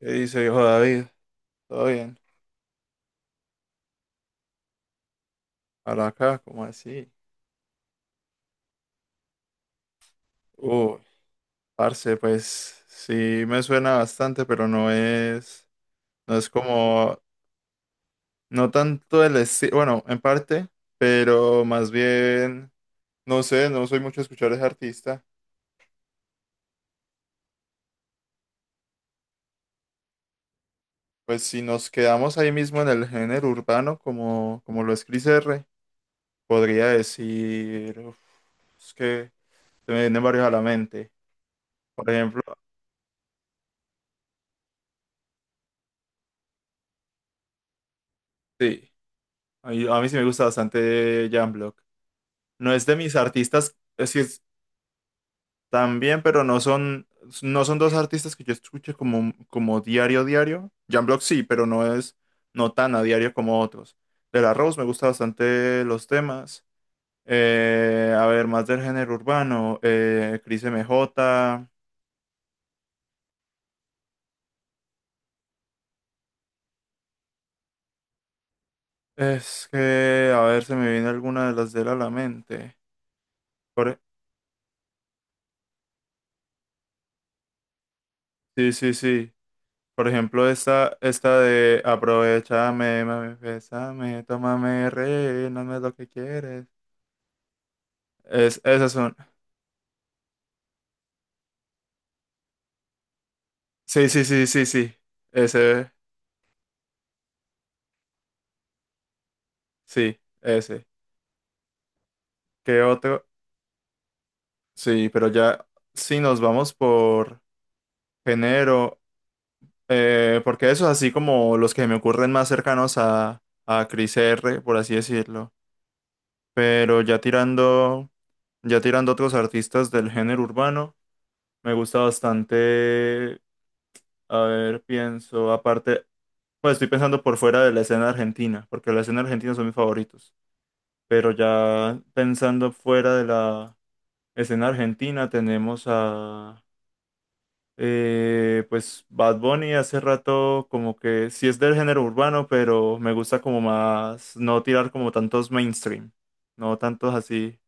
¿Qué dice viejo David? ¿Todo bien? Ahora acá, ¿cómo así? Uy, parce, pues sí me suena bastante, pero no es, no es como, no tanto el estilo, bueno, en parte, pero más bien, no sé, no soy mucho de escuchar a ese artista. Pues si nos quedamos ahí mismo en el género urbano, como lo es Cris R, podría decir, es que se me vienen varios a la mente. Por ejemplo, sí, a mí sí me gusta bastante Jan. No es de mis artistas, también, pero no son dos artistas que yo escuche como diario, diario. Jan Block sí, pero no tan a diario como otros. De la Rose me gusta bastante los temas. A ver, más del género urbano. Cris MJ. Es que, a ver, se me viene alguna de las de él a la mente. Por- sí, sí, sí. Por ejemplo, esta de aprovechame, mami, bésame, tómame, rey, no me lo que quieres. Esas son. Sí, sí, sí, sí, sí. Ese, sí, ese. ¿Qué otro? Sí, pero ya, si nos vamos por género, porque esos así como los que me ocurren más cercanos a Cris R, por así decirlo. Pero ya tirando otros artistas del género urbano, me gusta bastante. A ver, pienso, aparte, pues estoy pensando por fuera de la escena argentina, porque la escena argentina son mis favoritos. Pero ya pensando fuera de la escena argentina, tenemos a, pues, Bad Bunny hace rato, como que sí es del género urbano, pero me gusta como más no tirar como tantos mainstream, no tantos así.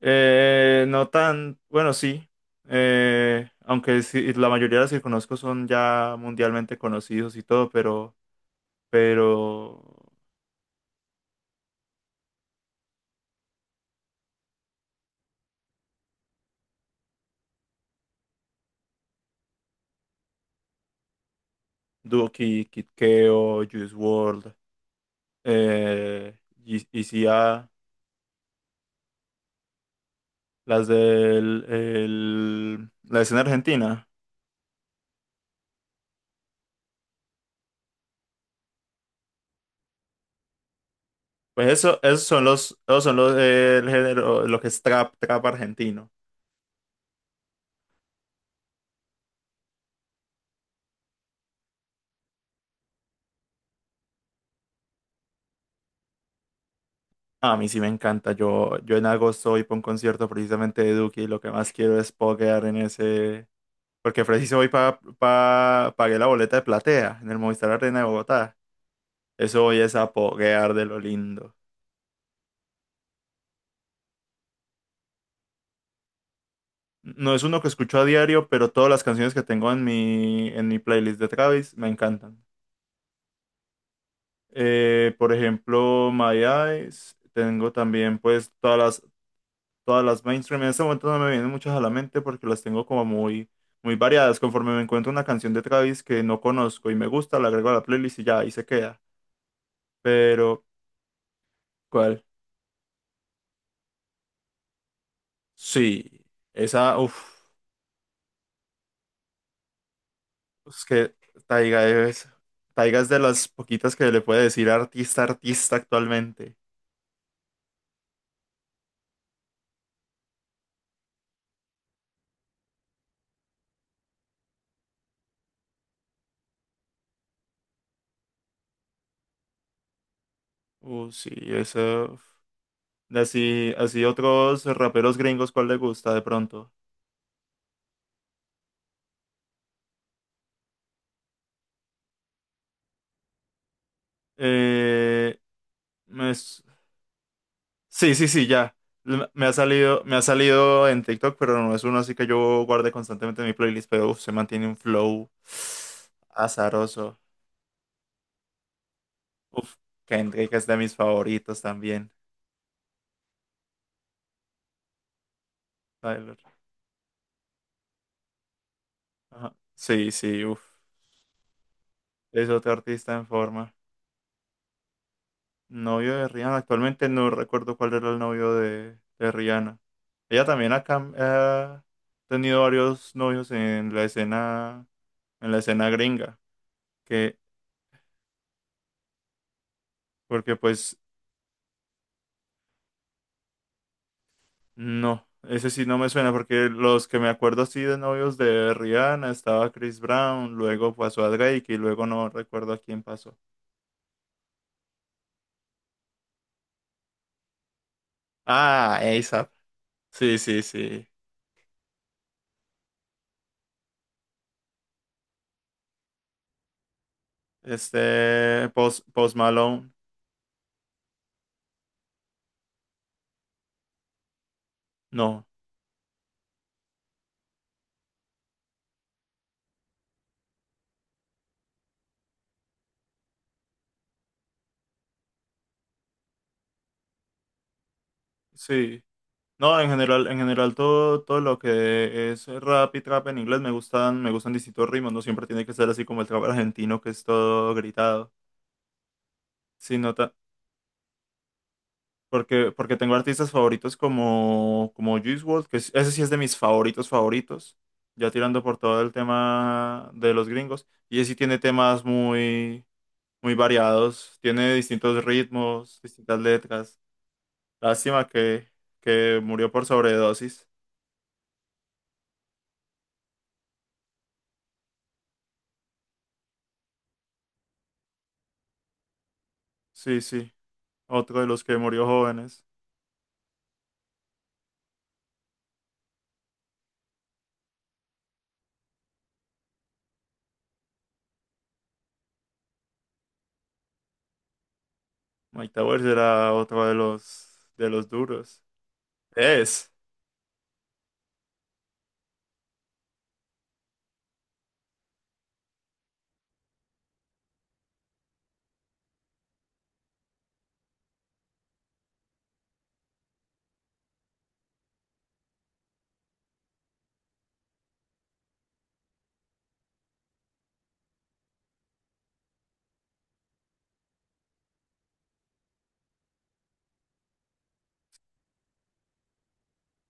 No tan, bueno, sí. Aunque sí, la mayoría de los que conozco son ya mundialmente conocidos y todo, pero pero Duki, Kid Keo, Juice WRLD, eh, ECA, las la escena argentina. Pues eso, esos son los el género, lo que es trap, trap argentino. A mí sí me encanta. Yo en agosto voy para un concierto precisamente de Duki y lo que más quiero es poguear en ese. Porque preciso voy para pagué la boleta de platea en el Movistar Arena de Bogotá. Eso hoy es a poguear de lo lindo. No es uno que escucho a diario, pero todas las canciones que tengo en mi playlist de Travis me encantan. Por ejemplo, My Eyes, tengo también pues todas las mainstream. En este momento no me vienen muchas a la mente porque las tengo como muy, muy variadas. Conforme me encuentro una canción de Travis que no conozco y me gusta, la agrego a la playlist y ya ahí se queda. Pero, ¿cuál? Sí, esa, es que Taiga es, Taiga es de las poquitas que le puede decir artista, artista actualmente. Sí, eso. De así, así otros raperos gringos, ¿cuál le gusta de pronto? Eh, me s- Sí, sí, sí, ya. Me ha salido en TikTok, pero no es uno así que yo guarde constantemente en mi playlist, pero se mantiene un flow azaroso. Uf, Kendrick es de mis favoritos también. Tyler. Ajá. Sí, sí, uf. Es otro artista en forma. Novio de Rihanna, actualmente no recuerdo cuál era el novio de Rihanna. Ella también ha tenido varios novios en la escena gringa, que, porque pues no, ese sí no me suena, porque los que me acuerdo así de novios de Rihanna estaba Chris Brown, luego pasó a Drake y luego no recuerdo a quién pasó. Ah, ASAP. Sí, sí, sí. Este, Post Malone. No, sí. No, en general todo, todo lo que es rap y trap en inglés me gustan distintos ritmos, no siempre tiene que ser así como el trap argentino que es todo gritado. Sí, nota, porque tengo artistas favoritos como Juice WRLD, ese sí es de mis favoritos favoritos, ya tirando por todo el tema de los gringos, y ese sí tiene temas muy, muy variados, tiene distintos ritmos, distintas letras. Lástima que murió por sobredosis. Sí, sí, otro de los que murió jóvenes. Mike Towers era otro de los duros. Es,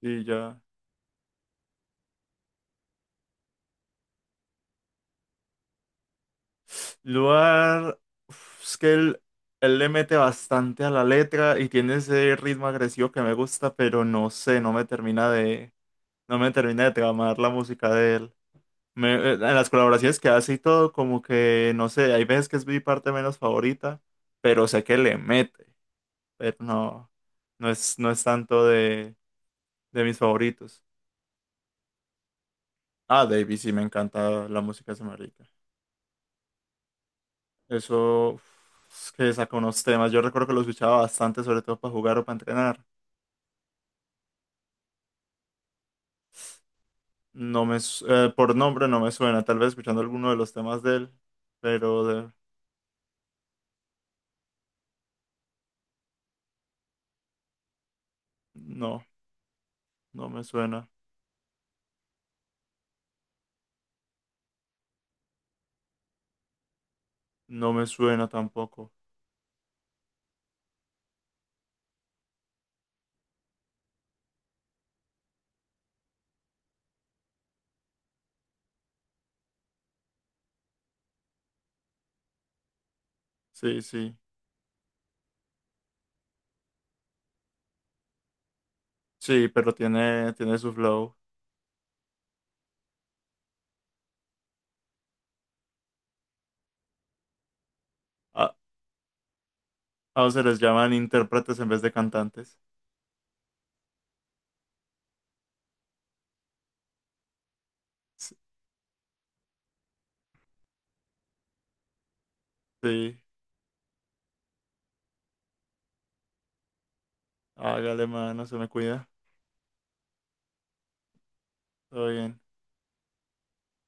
y ya. Lugar, es que él le mete bastante a la letra y tiene ese ritmo agresivo que me gusta, pero no sé, no me termina de tramar la música de él. En las colaboraciones que hace y todo, como que, no sé, hay veces que es mi parte menos favorita, pero sé que le mete, pero no es tanto de mis favoritos. Ah, Davey, sí, me encanta la música de ese marica. Eso, es que saca unos temas. Yo recuerdo que lo escuchaba bastante, sobre todo para jugar o para entrenar. No me, su- por nombre no me suena, tal vez escuchando alguno de los temas de él, pero de- no, no me suena. No me suena tampoco. Sí, sí, sí, pero tiene su flow. A, a se les llaman intérpretes en vez de cantantes. Sí, hágale, mano, se me cuida. Todo bien.